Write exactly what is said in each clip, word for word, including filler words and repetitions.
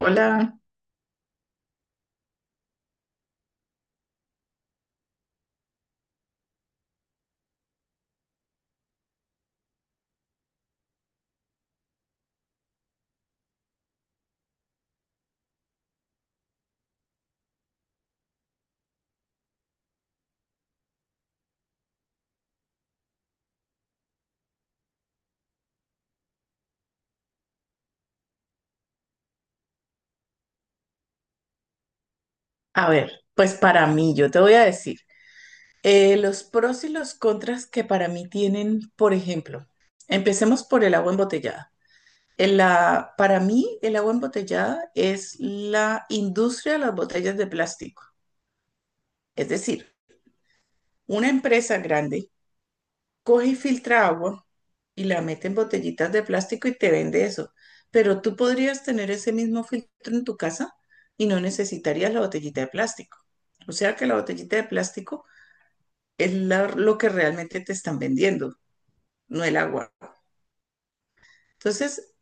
Hola, a ver, pues para mí, yo te voy a decir, eh, los pros y los contras que para mí tienen, por ejemplo, empecemos por el agua embotellada. En la, para mí, el agua embotellada es la industria de las botellas de plástico. Es decir, una empresa grande coge y filtra agua y la mete en botellitas de plástico y te vende eso. Pero tú podrías tener ese mismo filtro en tu casa y no necesitarías la botellita de plástico. O sea que la botellita de plástico es la- lo que realmente te están vendiendo, no el agua. Entonces,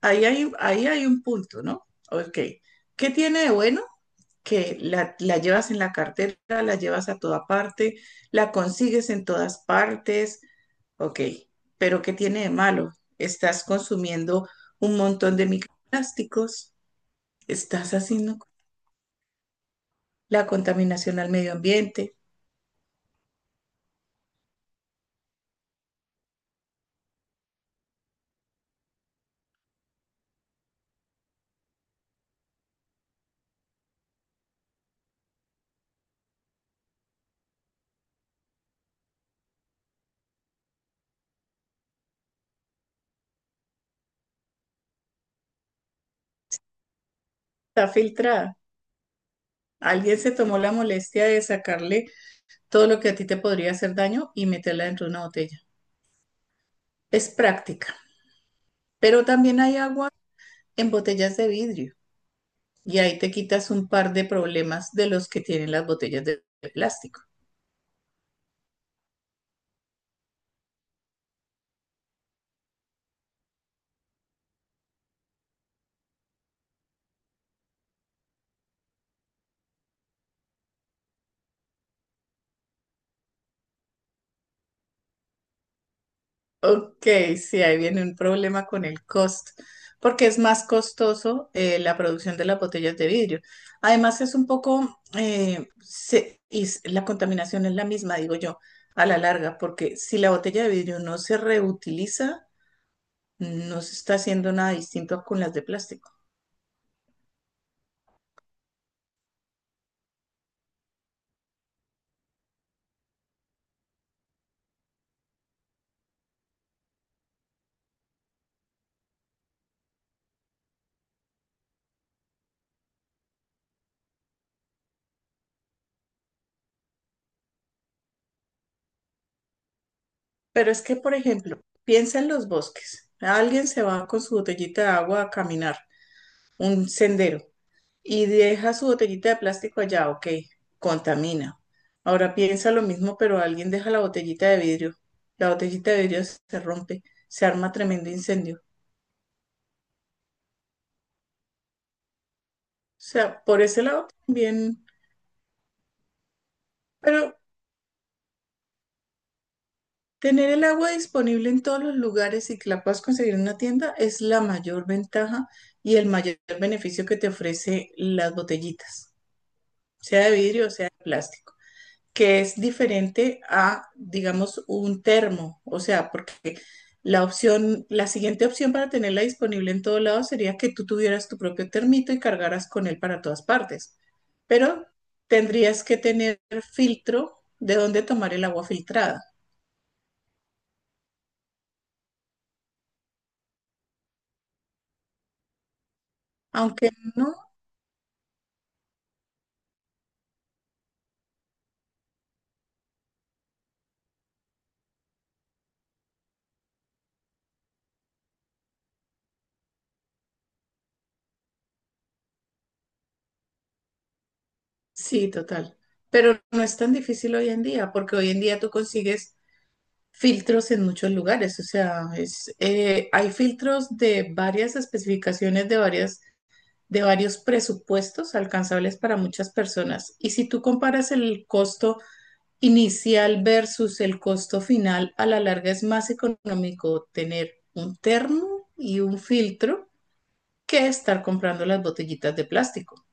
ahí hay, ahí hay un punto, ¿no? Ok. ¿Qué tiene de bueno? Que la, la llevas en la cartera, la llevas a toda parte, la consigues en todas partes. Ok, pero ¿qué tiene de malo? Estás consumiendo un montón de microplásticos, estás haciendo la contaminación al medio ambiente, está filtrada. Alguien se tomó la molestia de sacarle todo lo que a ti te podría hacer daño y meterla dentro de una botella. Es práctica, pero también hay agua en botellas de vidrio y ahí te quitas un par de problemas de los que tienen las botellas de de plástico. Ok, sí, ahí viene un problema con el costo, porque es más costoso eh, la producción de las botellas de vidrio. Además, es un poco, eh, se- y s- la contaminación es la misma, digo yo, a la larga, porque si la botella de vidrio no se reutiliza, no se está haciendo nada distinto con las de plástico. Pero es que, por ejemplo, piensa en los bosques. Alguien se va con su botellita de agua a caminar un sendero y deja su botellita de plástico allá, ok, contamina. Ahora piensa lo mismo, pero alguien deja la botellita de vidrio. La botellita de vidrio se rompe, se arma tremendo incendio. O sea, por ese lado también, pero tener el agua disponible en todos los lugares y que la puedas conseguir en una tienda es la mayor ventaja y el mayor beneficio que te ofrece las botellitas, sea de vidrio o sea de plástico, que es diferente a, digamos, un termo. O sea, porque la opción, la siguiente opción para tenerla disponible en todo lado sería que tú tuvieras tu propio termito y cargaras con él para todas partes. Pero tendrías que tener filtro de dónde tomar el agua filtrada. Aunque no Sí, total. Pero no es tan difícil hoy en día, porque hoy en día tú consigues filtros en muchos lugares. O sea, es, eh, hay filtros de varias especificaciones, de varias, de varios presupuestos alcanzables para muchas personas. Y si tú comparas el costo inicial versus el costo final, a la larga es más económico tener un termo y un filtro que estar comprando las botellitas de plástico.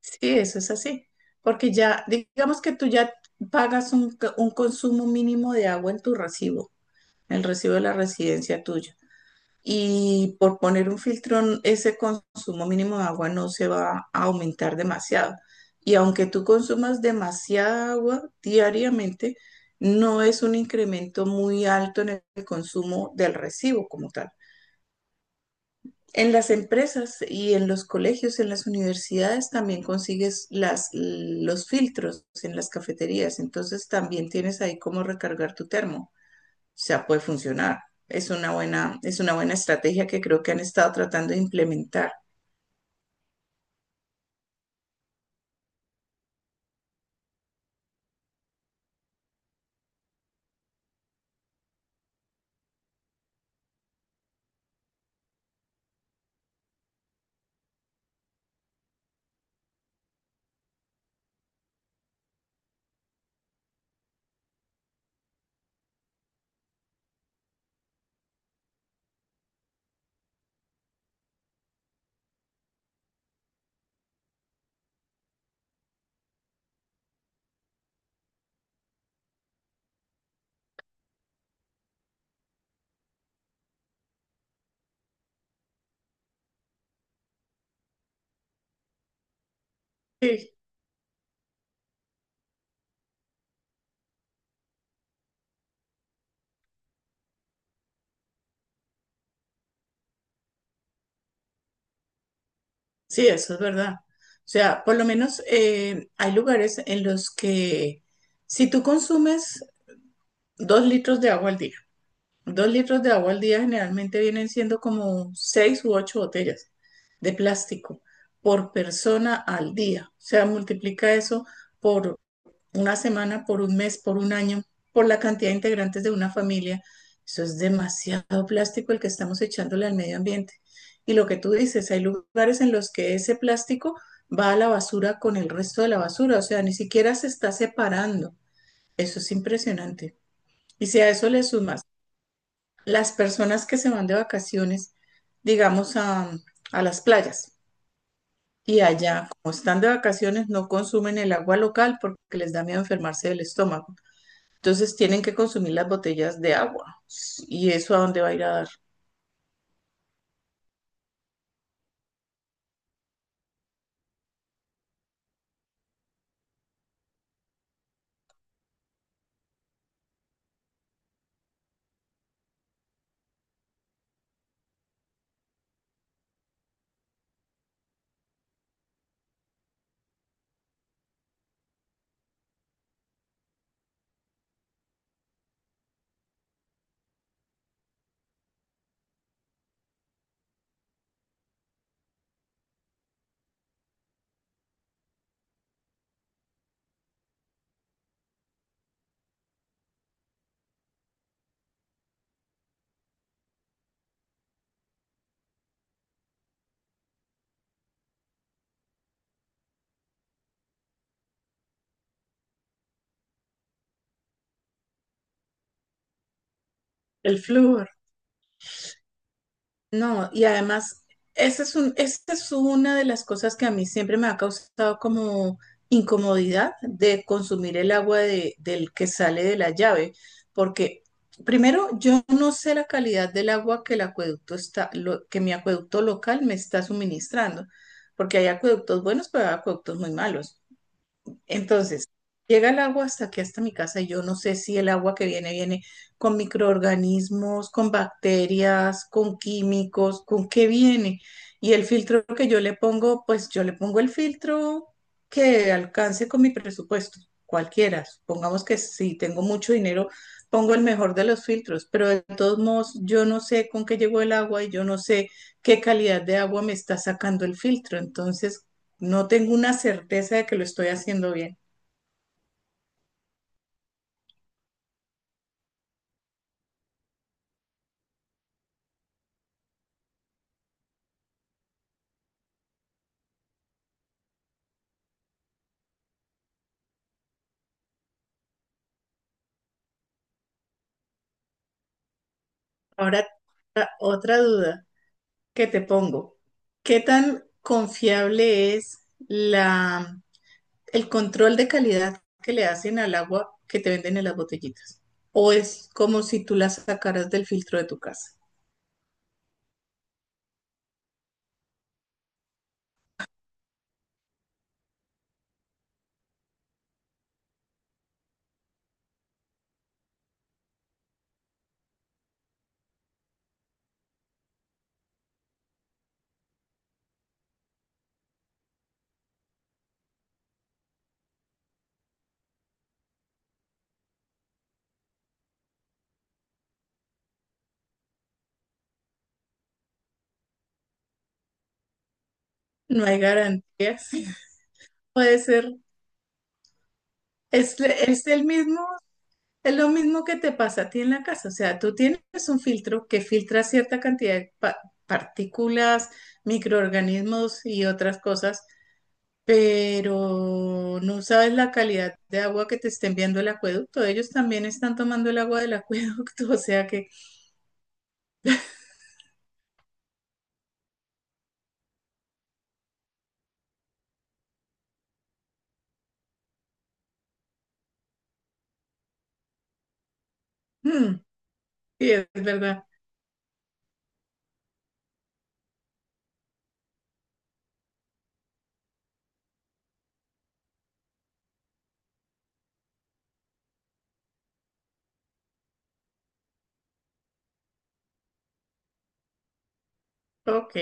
Sí, eso es así, porque ya, digamos que tú ya pagas un, c- un consumo mínimo de agua en tu recibo, el recibo de la residencia tuya. Y por poner un filtro, n- ese consumo mínimo de agua no se va a aumentar demasiado. Y aunque tú consumas demasiada agua diariamente, no es un incremento muy alto en el consumo del recibo como tal. En las empresas y en los colegios, en las universidades también consigues las, los filtros en las cafeterías, entonces también tienes ahí cómo recargar tu termo. O sea, puede funcionar. Es una buena, es una buena estrategia que creo que han estado tratando de implementar. Sí, sí, eso es verdad. O sea, por lo menos eh, hay lugares en los que si tú consumes dos litros de agua al día. Dos litros de agua al día generalmente vienen siendo como seis u ocho botellas de plástico por persona al día. O sea, multiplica eso por una semana, por un mes, por un año, por la cantidad de integrantes de una familia. Eso es demasiado plástico el que estamos echándole al medio ambiente. Y lo que tú dices, hay lugares en los que ese plástico va a la basura con el resto de la basura, o sea, ni siquiera se está separando. Eso es impresionante. Y si a eso le sumas las personas que se van de vacaciones, digamos, a, a las playas y allá, como están de vacaciones, no consumen el agua local porque les da miedo enfermarse del estómago. Entonces tienen que consumir las botellas de agua. ¿Y eso a dónde va a ir a dar? El flujo. No, y además, esa es un, esa es una de las cosas que a mí siempre me ha causado como incomodidad de consumir el agua de- del que sale de la llave, porque primero yo no sé la calidad del agua que el acueducto está, lo- que mi acueducto local me está suministrando, porque hay acueductos buenos, pero hay acueductos muy malos. Entonces, llega el agua hasta aquí, hasta mi casa, y yo no sé si el agua que viene viene con microorganismos, con bacterias, con químicos, con qué viene. Y el filtro que yo le pongo, pues yo le pongo el filtro que alcance con mi presupuesto, cualquiera. Supongamos que si tengo mucho dinero, pongo el mejor de los filtros, pero de todos modos, yo no sé con qué llegó el agua y yo no sé qué calidad de agua me está sacando el filtro. Entonces, no tengo una certeza de que lo estoy haciendo bien. Ahora, otra otra duda que te pongo. ¿Qué tan confiable es la, el control de calidad que le hacen al agua que te venden en las botellitas? ¿O es como si tú la sacaras del filtro de tu casa? No hay garantías. Puede ser. ¿Es, es el mismo Es lo mismo que te pasa a ti en la casa, o sea, tú tienes un filtro que filtra cierta cantidad de pa- partículas, microorganismos y otras cosas, pero no sabes la calidad de agua que te está enviando el acueducto. Ellos también están tomando el agua del acueducto, o sea que, mm, sí, es verdad. Ok,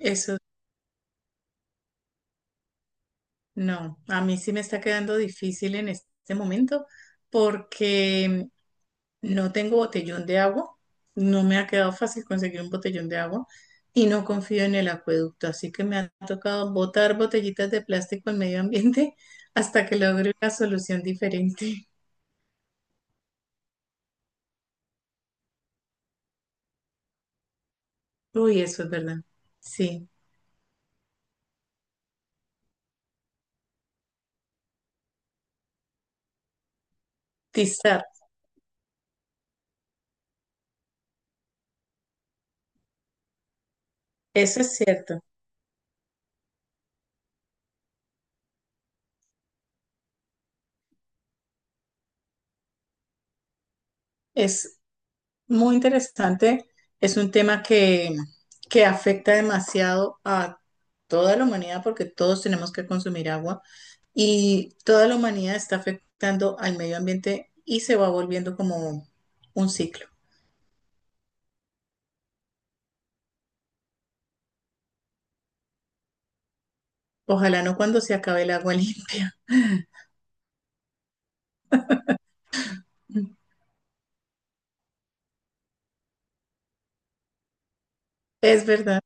eso no, a mí sí me está quedando difícil en este momento porque no tengo botellón de agua, no me ha quedado fácil conseguir un botellón de agua y no confío en el acueducto, así que me ha tocado botar botellitas de plástico al medio ambiente hasta que logre una solución diferente. Uy, eso es verdad. Sí, tizar, eso es cierto. Es muy interesante, es un tema que, que afecta demasiado a toda la humanidad porque todos tenemos que consumir agua y toda la humanidad está afectando al medio ambiente y se va volviendo como un ciclo. Ojalá no cuando se acabe el agua limpia. Es verdad.